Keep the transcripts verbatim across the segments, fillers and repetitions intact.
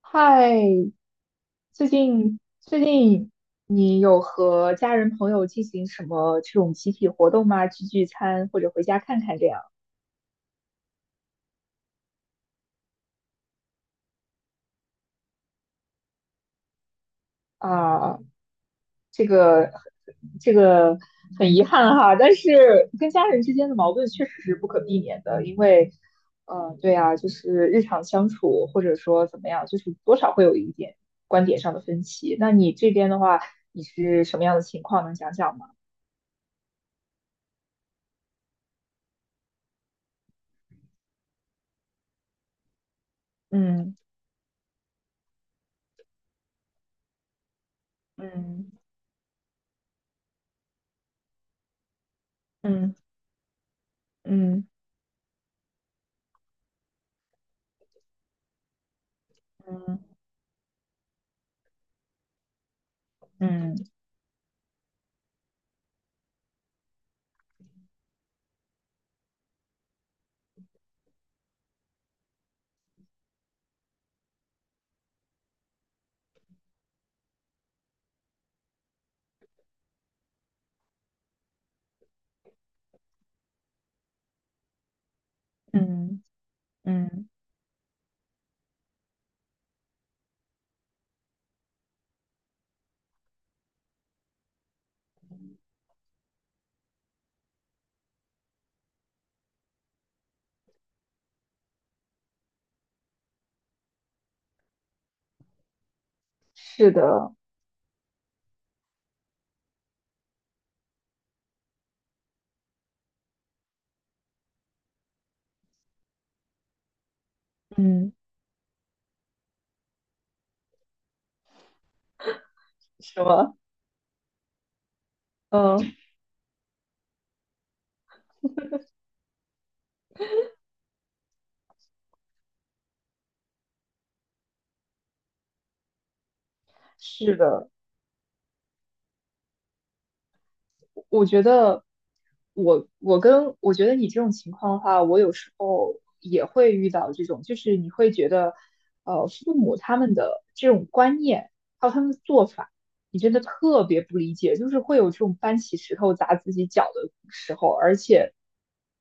嗨，最近最近你有和家人朋友进行什么这种集体活动吗？聚聚餐或者回家看看这样啊？这个这个很遗憾哈，但是跟家人之间的矛盾确实是不可避免的，因为呃，对啊，就是日常相处或者说怎么样，就是多少会有一点观点上的分歧。那你这边的话，你是什么样的情况？能讲讲吗？嗯嗯嗯嗯。嗯嗯嗯嗯，是的，嗯，什么？嗯，是的，我觉得我我跟我觉得你这种情况的话，我有时候也会遇到这种，就是你会觉得，呃，父母他们的这种观念还有他们的做法，你真的特别不理解，就是会有这种搬起石头砸自己脚的时候，而且，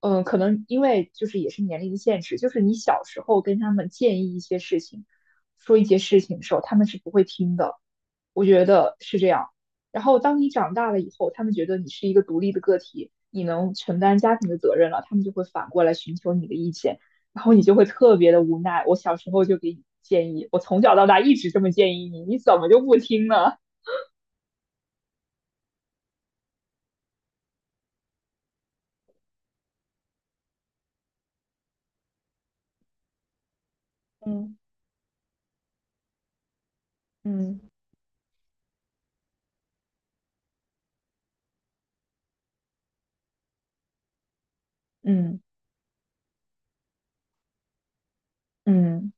嗯、可能因为就是也是年龄的限制，就是你小时候跟他们建议一些事情，说一些事情的时候，他们是不会听的。我觉得是这样。然后当你长大了以后，他们觉得你是一个独立的个体，你能承担家庭的责任了，他们就会反过来寻求你的意见，然后你就会特别的无奈。我小时候就给你建议，我从小到大一直这么建议你，你怎么就不听呢？嗯嗯嗯嗯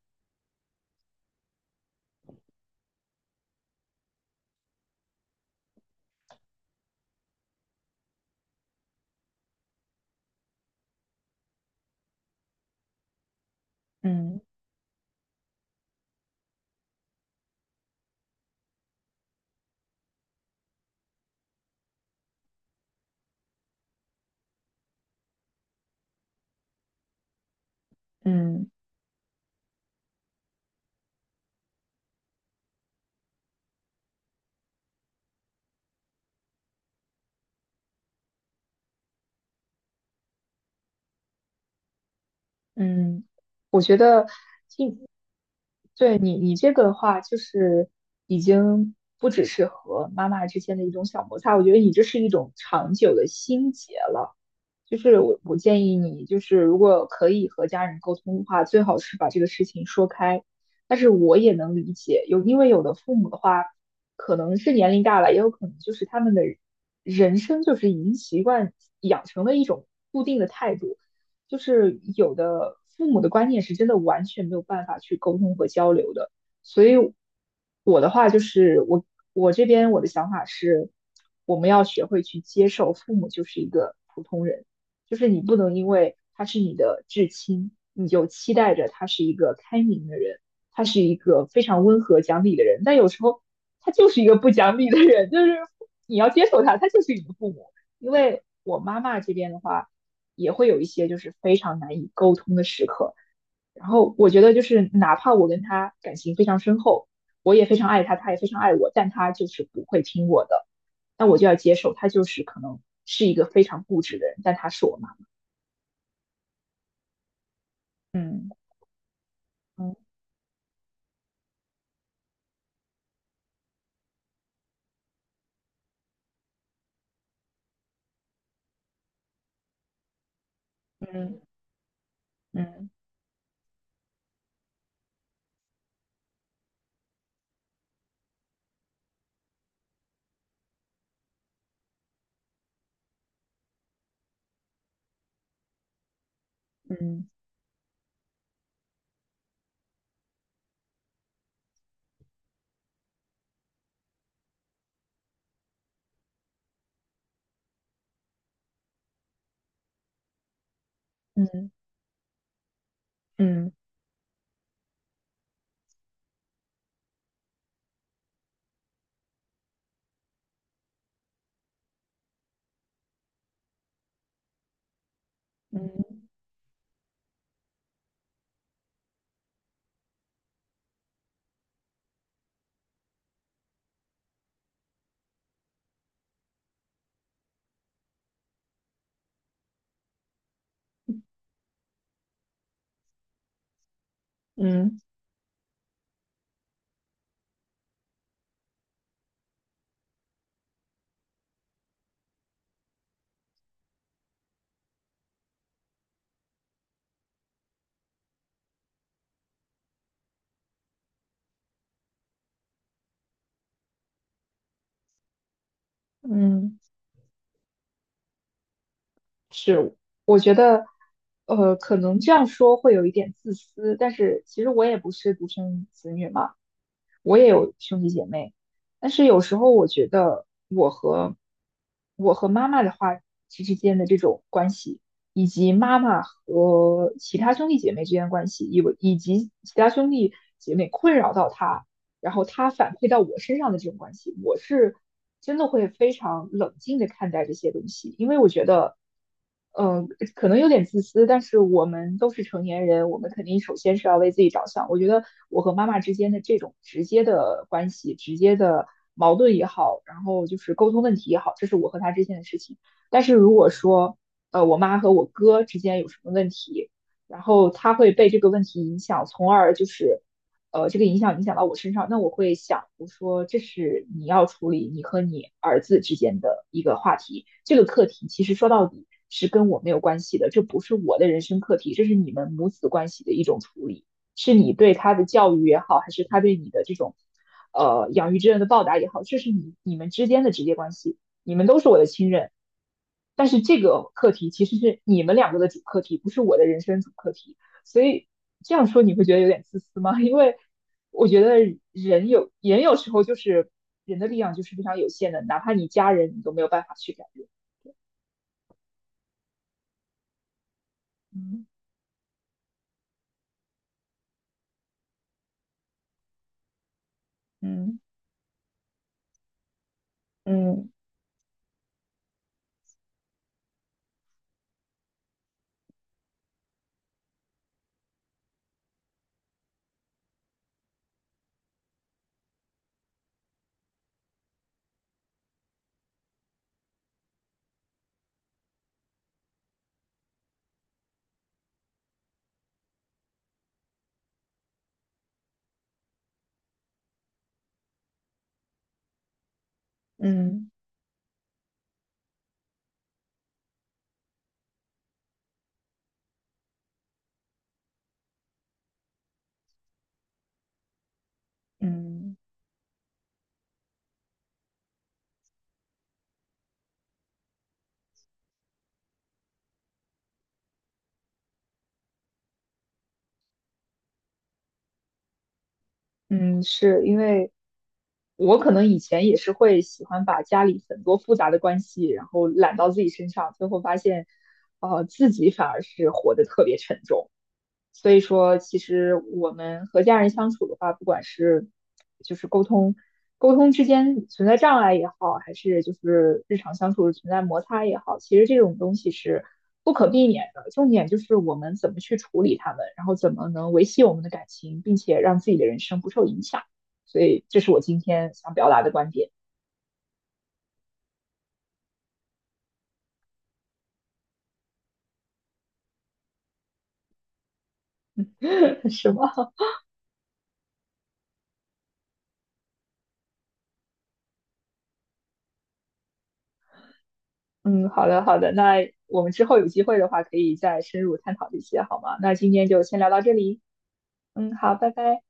嗯嗯嗯，我觉得听，对你你这个的话，就是已经不只是和妈妈之间的一种小摩擦，我觉得你这是一种长久的心结了。就是我我建议你，就是如果可以和家人沟通的话，最好是把这个事情说开。但是我也能理解，有因为有的父母的话，可能是年龄大了，也有可能就是他们的人生就是已经习惯养成了一种固定的态度，就是有的父母的观念是真的完全没有办法去沟通和交流的。所以我的话就是我我这边我的想法是，我们要学会去接受父母就是一个普通人。就是你不能因为他是你的至亲，你就期待着他是一个开明的人，他是一个非常温和讲理的人，但有时候他就是一个不讲理的人，就是你要接受他，他就是你的父母。因为我妈妈这边的话，也会有一些就是非常难以沟通的时刻。然后我觉得就是哪怕我跟他感情非常深厚，我也非常爱他，他也非常爱我，但他就是不会听我的，那我就要接受他就是可能是一个非常固执的人，但他是我妈。嗯嗯嗯嗯嗯嗯嗯嗯嗯，嗯，是，我觉得，呃，可能这样说会有一点自私，但是其实我也不是独生子女嘛，我也有兄弟姐妹，但是有时候我觉得我和我和妈妈的话之之间的这种关系，以及妈妈和其他兄弟姐妹之间的关系，以以及其他兄弟姐妹困扰到他。然后他反馈到我身上的这种关系，我是真的会非常冷静的看待这些东西，因为我觉得，嗯、可能有点自私，但是我们都是成年人，我们肯定首先是要为自己着想。我觉得我和妈妈之间的这种直接的关系、直接的矛盾也好，然后就是沟通问题也好，这是我和他之间的事情。但是如果说，呃，我妈和我哥之间有什么问题，然后他会被这个问题影响，从而就是，呃，这个影响影响到我身上，那我会想，我说这是你要处理你和你儿子之间的一个话题，这个课题其实说到底是跟我没有关系的，这不是我的人生课题，这是你们母子关系的一种处理，是你对他的教育也好，还是他对你的这种，呃，养育之恩的报答也好，这是你你们之间的直接关系，你们都是我的亲人，但是这个课题其实是你们两个的主课题，不是我的人生主课题。所以这样说你会觉得有点自私吗？因为我觉得人有人有时候就是人的力量就是非常有限的，哪怕你家人你都没有办法去改变。嗯嗯嗯嗯嗯嗯，是因为我可能以前也是会喜欢把家里很多复杂的关系，然后揽到自己身上，最后发现，呃，自己反而是活得特别沉重。所以说，其实我们和家人相处的话，不管是就是沟通沟通之间存在障碍也好，还是就是日常相处存在摩擦也好，其实这种东西是不可避免的。重点就是我们怎么去处理它们，然后怎么能维系我们的感情，并且让自己的人生不受影响。所以，这是我今天想表达的观点，是吗？嗯，好的好的，那我们之后有机会的话，可以再深入探讨这些，好吗？那今天就先聊到这里。嗯，好，拜拜。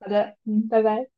好的，嗯，拜拜。